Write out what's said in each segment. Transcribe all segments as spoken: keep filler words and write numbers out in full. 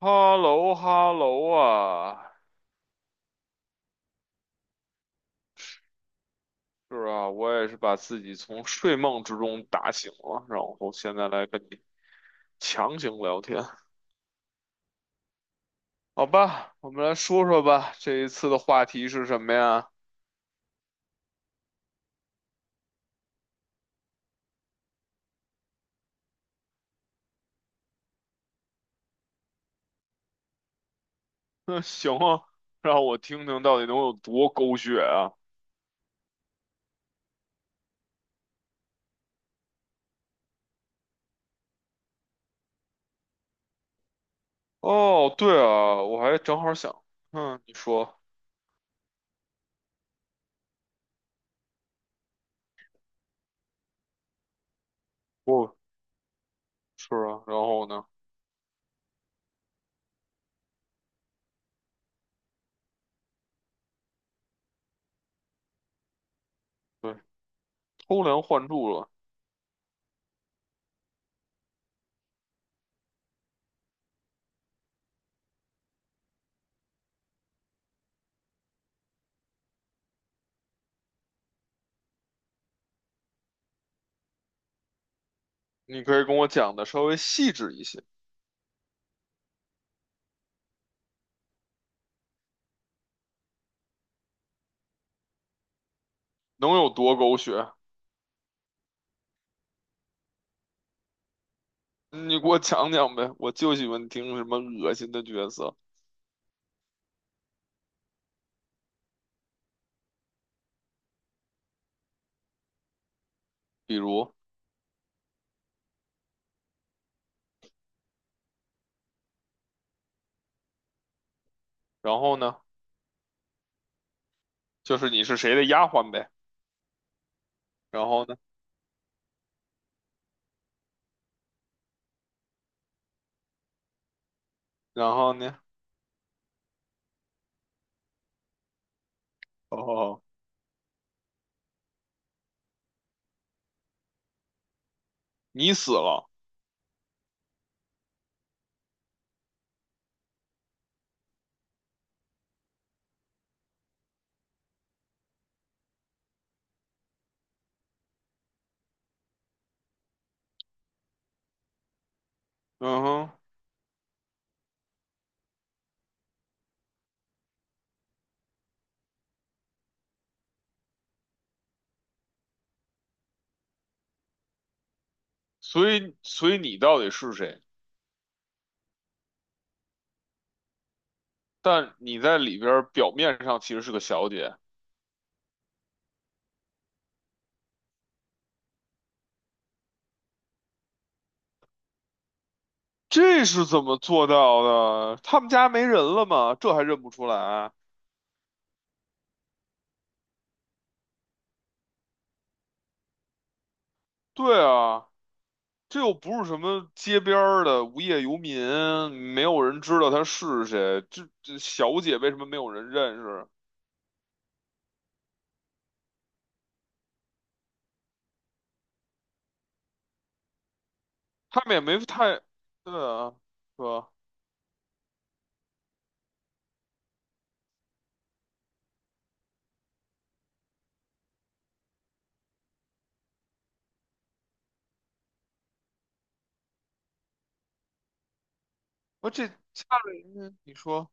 哈喽哈喽啊，是啊，我也是把自己从睡梦之中打醒了，然后现在来跟你强行聊天，好吧，我们来说说吧，这一次的话题是什么呀？那行啊，让我听听到底能有多狗血啊！哦，对啊，我还正好想，嗯，你说，哦，是啊，然后呢？对，偷梁换柱了，你可以跟我讲的稍微细致一些，能有多狗血？你给我讲讲呗，我就喜欢听什么恶心的角色，比如，然后呢，就是你是谁的丫鬟呗，然后呢，然后呢，哦，你死了，嗯哼，所以所以你到底是谁？但你在里边儿表面上其实是个小姐，这是怎么做到的？他们家没人了吗？这还认不出来？对啊。这又不是什么街边儿的无业游民，没有人知道他是谁。这这小姐为什么没有人认识？他们也没太，对啊，是吧？而这家里人，你说，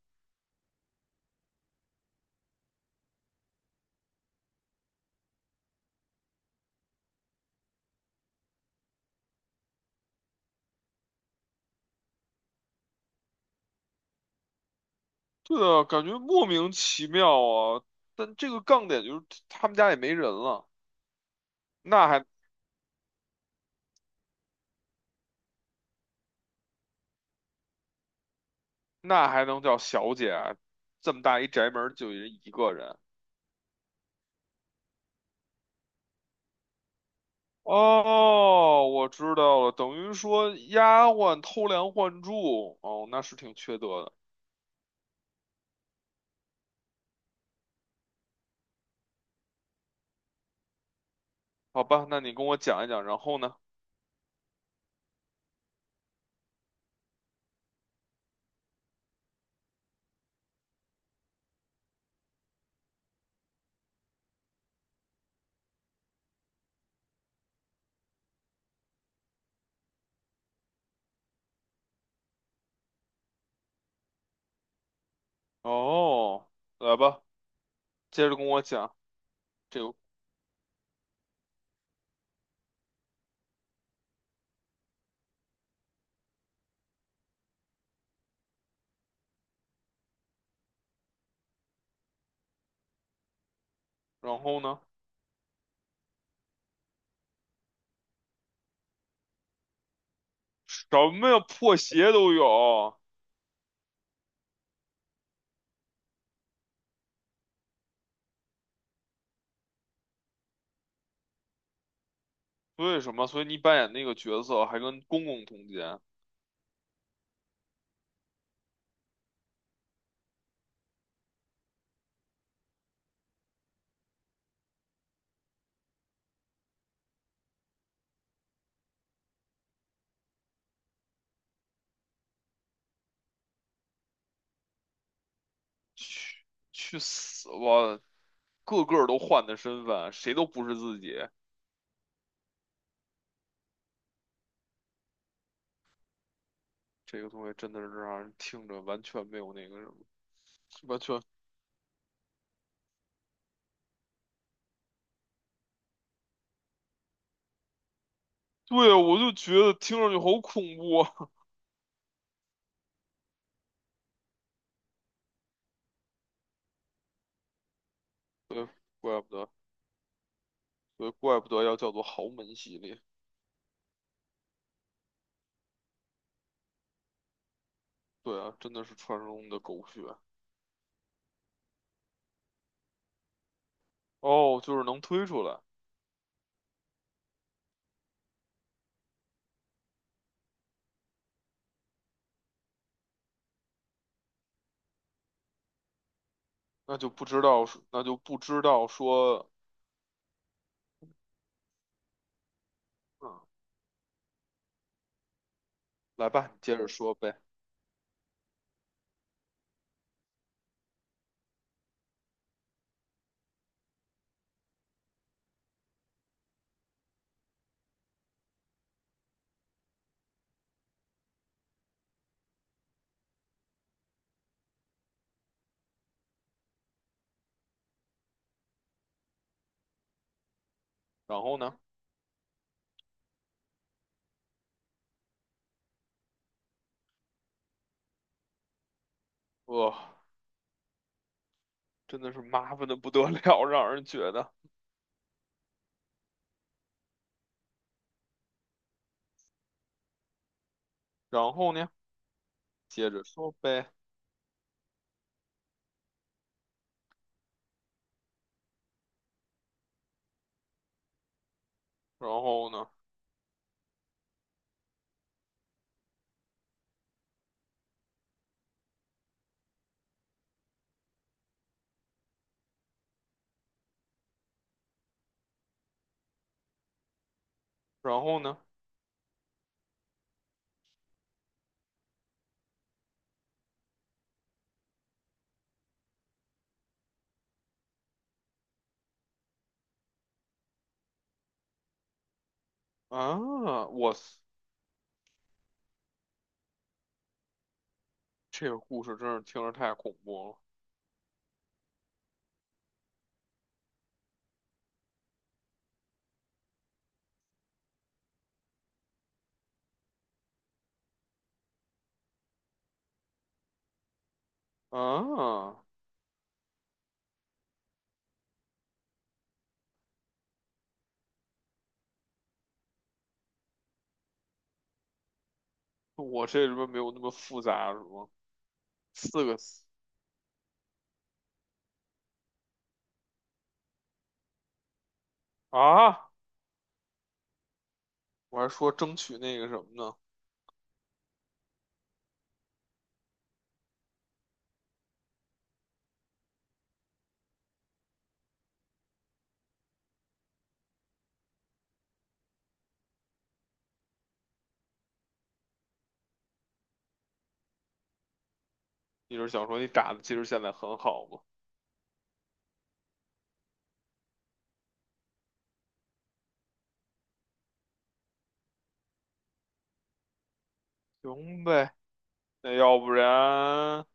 对啊，感觉莫名其妙啊。但这个杠点就是他们家也没人了，那还那还能叫小姐啊？这么大一宅门儿就人一个人。哦，我知道了，等于说丫鬟偷梁换柱，哦，那是挺缺德的。好吧，那你跟我讲一讲，然后呢？哦，来吧，接着跟我讲这个，然后呢？什么呀，破鞋都有，为什么？所以你扮演那个角色还跟公公通奸，去去死吧！个个都换的身份，谁都不是自己。这个东西真的是让人听着完全没有那个什么，完全，对，我就觉得听上去好恐怖啊。对，怪不得，对，怪不得要叫做豪门系列。对啊，真的是传说中的狗血。哦，就是能推出来，那就不知道是那就不知道说，嗯，来吧，你接着说呗。然后呢，哇，真的是麻烦的不得了，让人觉得。然后呢，接着说呗。然后呢，然后呢，啊，我操这个故事真是听着太恐怖了。啊，我这里边没有那么复杂是吗？四个字啊，我还说争取那个什么呢？你是想说你打的其实现在很好吗？行呗。那要不然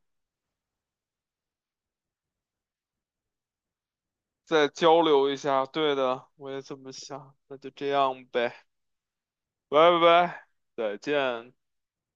再交流一下。对的，我也这么想。那就这样呗，拜拜，再见。